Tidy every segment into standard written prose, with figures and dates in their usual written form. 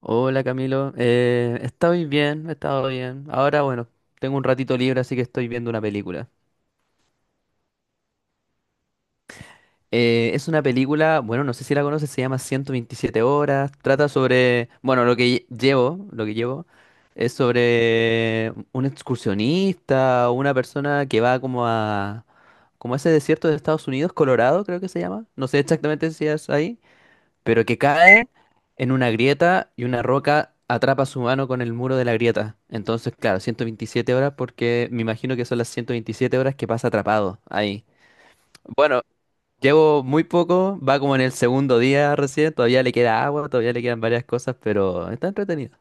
Hola Camilo, estoy bien, he estado bien. Ahora, bueno, tengo un ratito libre, así que estoy viendo una película. Es una película, bueno, no sé si la conoces, se llama ciento veintisiete horas. Trata sobre, bueno, llevo, lo que llevo es sobre un excursionista, una persona que va como a ese desierto de Estados Unidos, Colorado, creo que se llama. No sé exactamente si es ahí, pero que cae en una grieta y una roca atrapa su mano con el muro de la grieta. Entonces, claro, 127 horas porque me imagino que son las 127 horas que pasa atrapado ahí. Bueno, llevo muy poco, va como en el segundo día recién, todavía le queda agua, todavía le quedan varias cosas, pero está entretenido.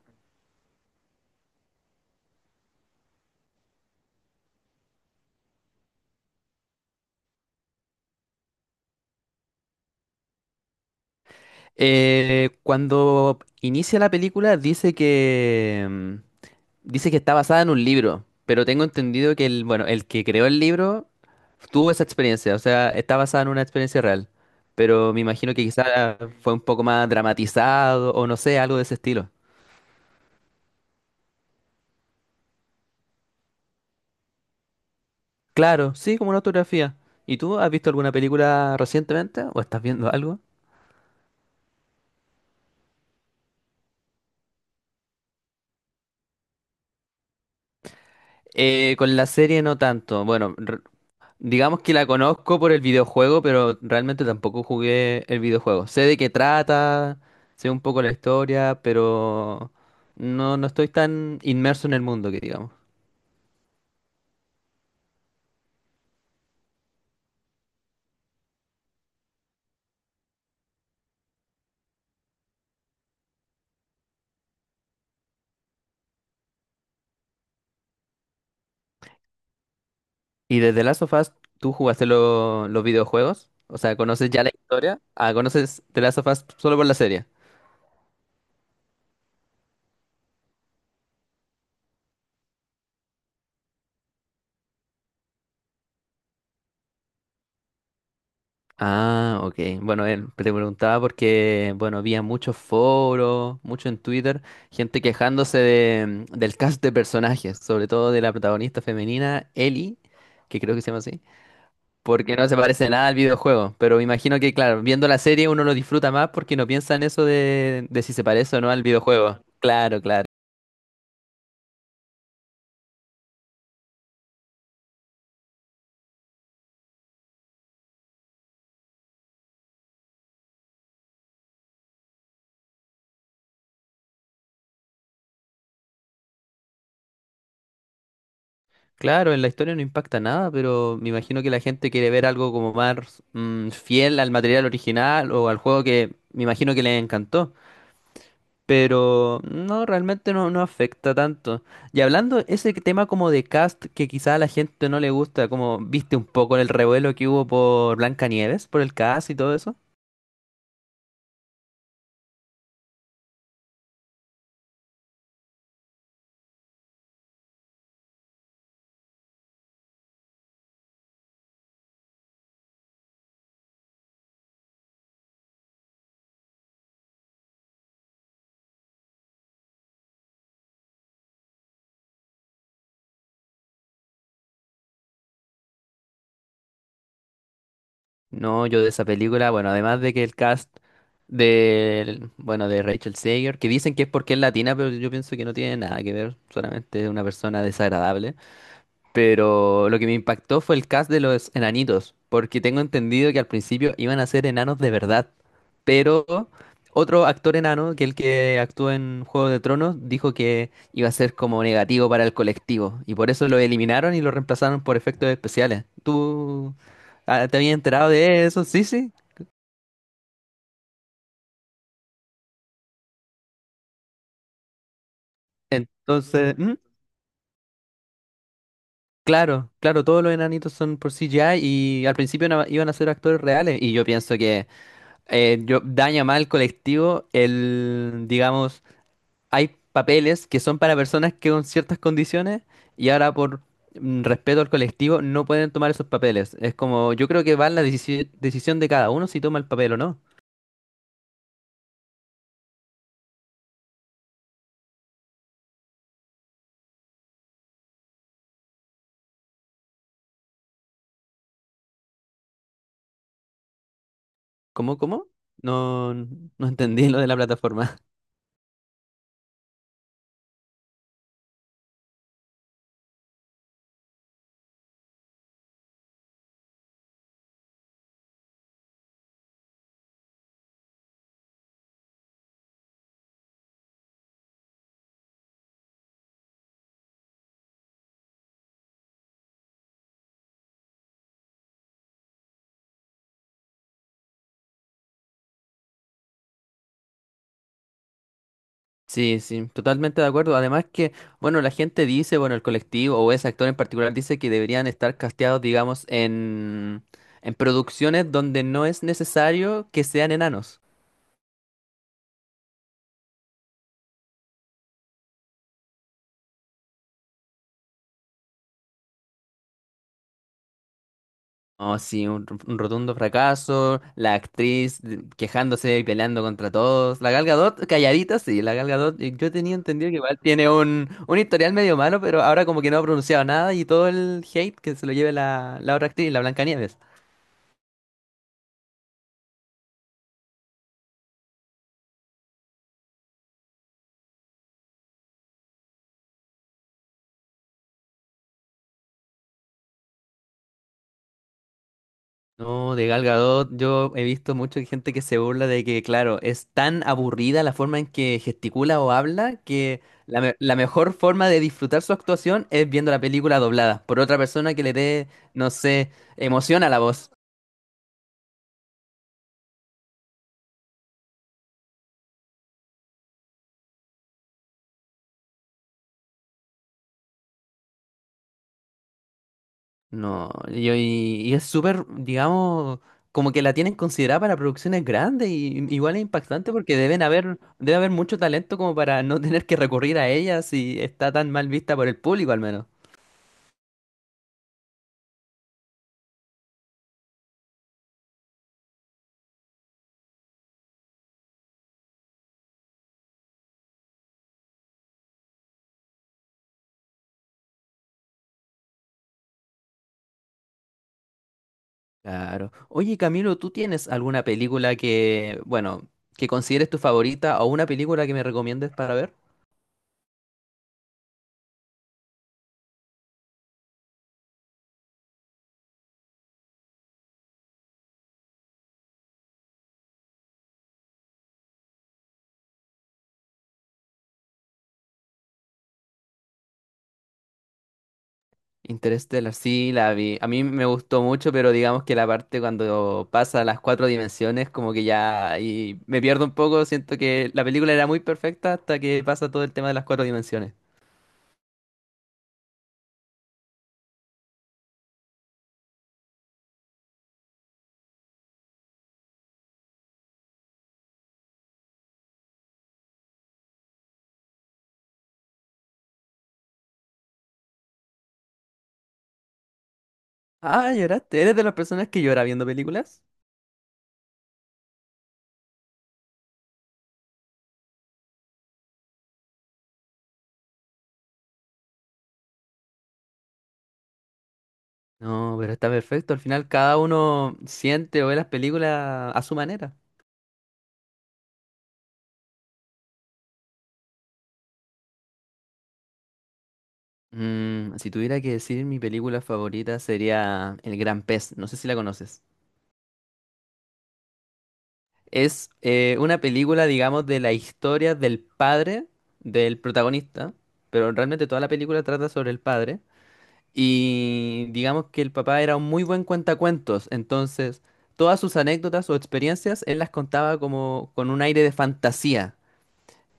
Cuando inicia la película dice que... mm, dice que está basada en un libro, pero tengo entendido que bueno, el que creó el libro tuvo esa experiencia, o sea, está basada en una experiencia real, pero me imagino que quizá fue un poco más dramatizado o no sé, algo de ese estilo. Claro, sí, como una autografía. ¿Y tú has visto alguna película recientemente o estás viendo algo? Con la serie no tanto. Digamos que la conozco por el videojuego, pero realmente tampoco jugué el videojuego. Sé de qué trata, sé un poco la historia, pero no estoy tan inmerso en el mundo que digamos. ¿Y desde Last of Us tú jugaste los videojuegos? O sea, ¿conoces ya la historia? Ah, ¿conoces The Last of Us solo por la serie? Ah, ok. Bueno, él te preguntaba porque, bueno, había muchos foros, mucho en Twitter, gente quejándose del cast de personajes, sobre todo de la protagonista femenina, Ellie, que creo que se llama así, porque no se parece nada al videojuego. Pero me imagino que, claro, viendo la serie uno lo disfruta más porque no piensa en eso de si se parece o no al videojuego. Claro, claro. Claro, en la historia no impacta nada, pero me imagino que la gente quiere ver algo como más fiel al material original o al juego que me imagino que le encantó. Pero no, realmente no afecta tanto. Y hablando ese tema como de cast que quizá a la gente no le gusta, como viste un poco el revuelo que hubo por Blancanieves, por el cast y todo eso. No, yo de esa película, bueno, además de que el cast bueno, de Rachel Zegler, que dicen que es porque es latina, pero yo pienso que no tiene nada que ver, solamente es una persona desagradable. Pero lo que me impactó fue el cast de los enanitos, porque tengo entendido que al principio iban a ser enanos de verdad. Pero otro actor enano, que el que actuó en Juego de Tronos, dijo que iba a ser como negativo para el colectivo. Y por eso lo eliminaron y lo reemplazaron por efectos especiales. ¿ Te habías enterado de eso? Sí, sí. Entonces, ¿mm? Claro, claro, todos los enanitos son por CGI y al principio iban a ser actores reales. Y yo pienso que, daña más al colectivo el, digamos, hay papeles que son para personas que con ciertas condiciones y ahora por respeto al colectivo no pueden tomar esos papeles. Es como, yo creo que va en la decisión de cada uno si toma el papel o no. ¿Cómo, cómo? No, no entendí lo de la plataforma. Sí, sí, totalmente de acuerdo. Además que, bueno, la gente dice, bueno, el colectivo o ese actor en particular dice que deberían estar casteados, digamos, en producciones donde no es necesario que sean enanos. Oh, sí, un rotundo fracaso, la actriz quejándose y peleando contra todos, la Gal Gadot calladita, sí, la Gal Gadot, yo tenía entendido que igual tiene un historial medio malo, pero ahora como que no ha pronunciado nada y todo el hate que se lo lleve la otra actriz, la Blancanieves. No, de Gal Gadot, yo he visto mucha gente que se burla de que, claro, es tan aburrida la forma en que gesticula o habla que la mejor forma de disfrutar su actuación es viendo la película doblada por otra persona que le dé, no sé, emoción a la voz. No, y es súper, digamos, como que la tienen considerada para producciones grandes y igual es impactante porque debe haber mucho talento como para no tener que recurrir a ella si está tan mal vista por el público al menos. Claro. Oye, Camilo, ¿tú tienes alguna película que, bueno, que consideres tu favorita o una película que me recomiendes para ver? Interstellar, sí, la vi. A mí me gustó mucho, pero digamos que la parte cuando pasa a las cuatro dimensiones, como que ya ahí me pierdo un poco. Siento que la película era muy perfecta hasta que pasa todo el tema de las cuatro dimensiones. Ah, lloraste. ¿Eres de las personas que llora viendo películas? No, pero está perfecto. Al final cada uno siente o ve las películas a su manera. Mm, si tuviera que decir mi película favorita sería El Gran Pez, no sé si la conoces. Es una película, digamos, de la historia del padre del protagonista, pero realmente toda la película trata sobre el padre. Y digamos que el papá era un muy buen cuentacuentos, entonces todas sus anécdotas o experiencias él las contaba como con un aire de fantasía.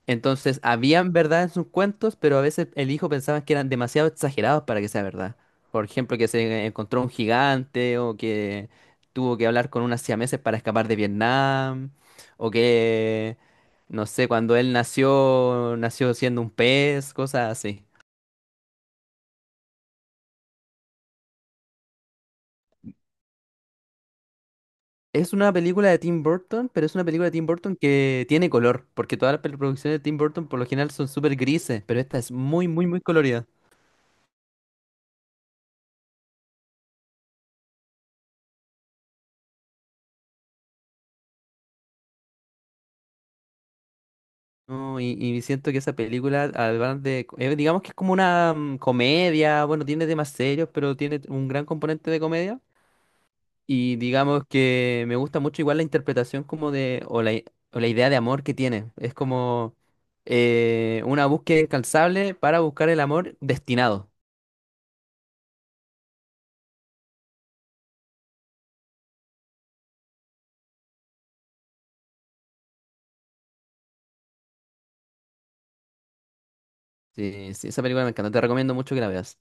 Entonces, habían verdad en sus cuentos, pero a veces el hijo pensaba que eran demasiado exagerados para que sea verdad. Por ejemplo, que se encontró un gigante o que tuvo que hablar con unas siameses para escapar de Vietnam o que, no sé, cuando él nació, nació siendo un pez, cosas así. Es una película de Tim Burton, pero es una película de Tim Burton que tiene color, porque todas las producciones de Tim Burton por lo general son súper grises, pero esta es muy colorida. No, y siento que esa película, además de, digamos que es como una comedia, bueno, tiene temas serios, pero tiene un gran componente de comedia. Y digamos que me gusta mucho igual la interpretación como de, o la, i- o la idea de amor que tiene. Es como una búsqueda incansable para buscar el amor destinado. Sí, sí, esa película me encanta, te recomiendo mucho que la veas.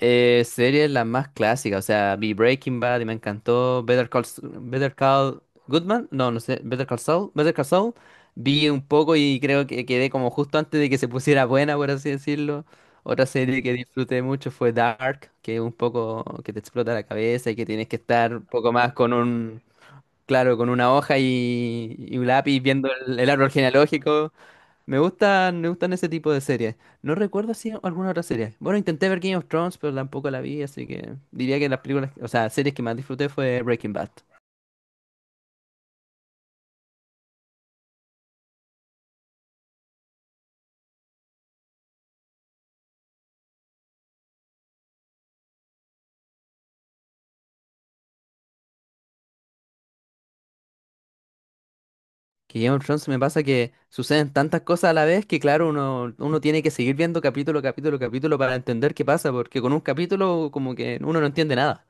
Serie la más clásica, o sea, vi Breaking Bad y me encantó. Better Call Goodman, no, no sé, Better Call Saul. Vi un poco y creo que quedé como justo antes de que se pusiera buena, por así decirlo. Otra serie que disfruté mucho fue Dark, que es un poco que te explota la cabeza y que tienes que estar un poco más claro, con una hoja y un lápiz viendo el árbol genealógico. Me gustan ese tipo de series. No recuerdo si alguna otra serie. Bueno, intenté ver Game of Thrones, pero tampoco la vi, así que diría que las películas, o sea, series que más disfruté fue Breaking Bad. Que Game of Thrones me pasa que suceden tantas cosas a la vez que, claro, uno tiene que seguir viendo capítulo para entender qué pasa, porque con un capítulo como que uno no entiende nada.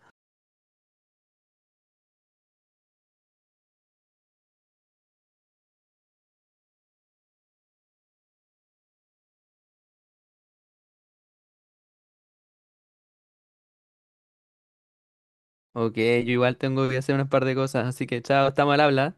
Ok, yo igual tengo que hacer unas par de cosas, así que chao, estamos al habla.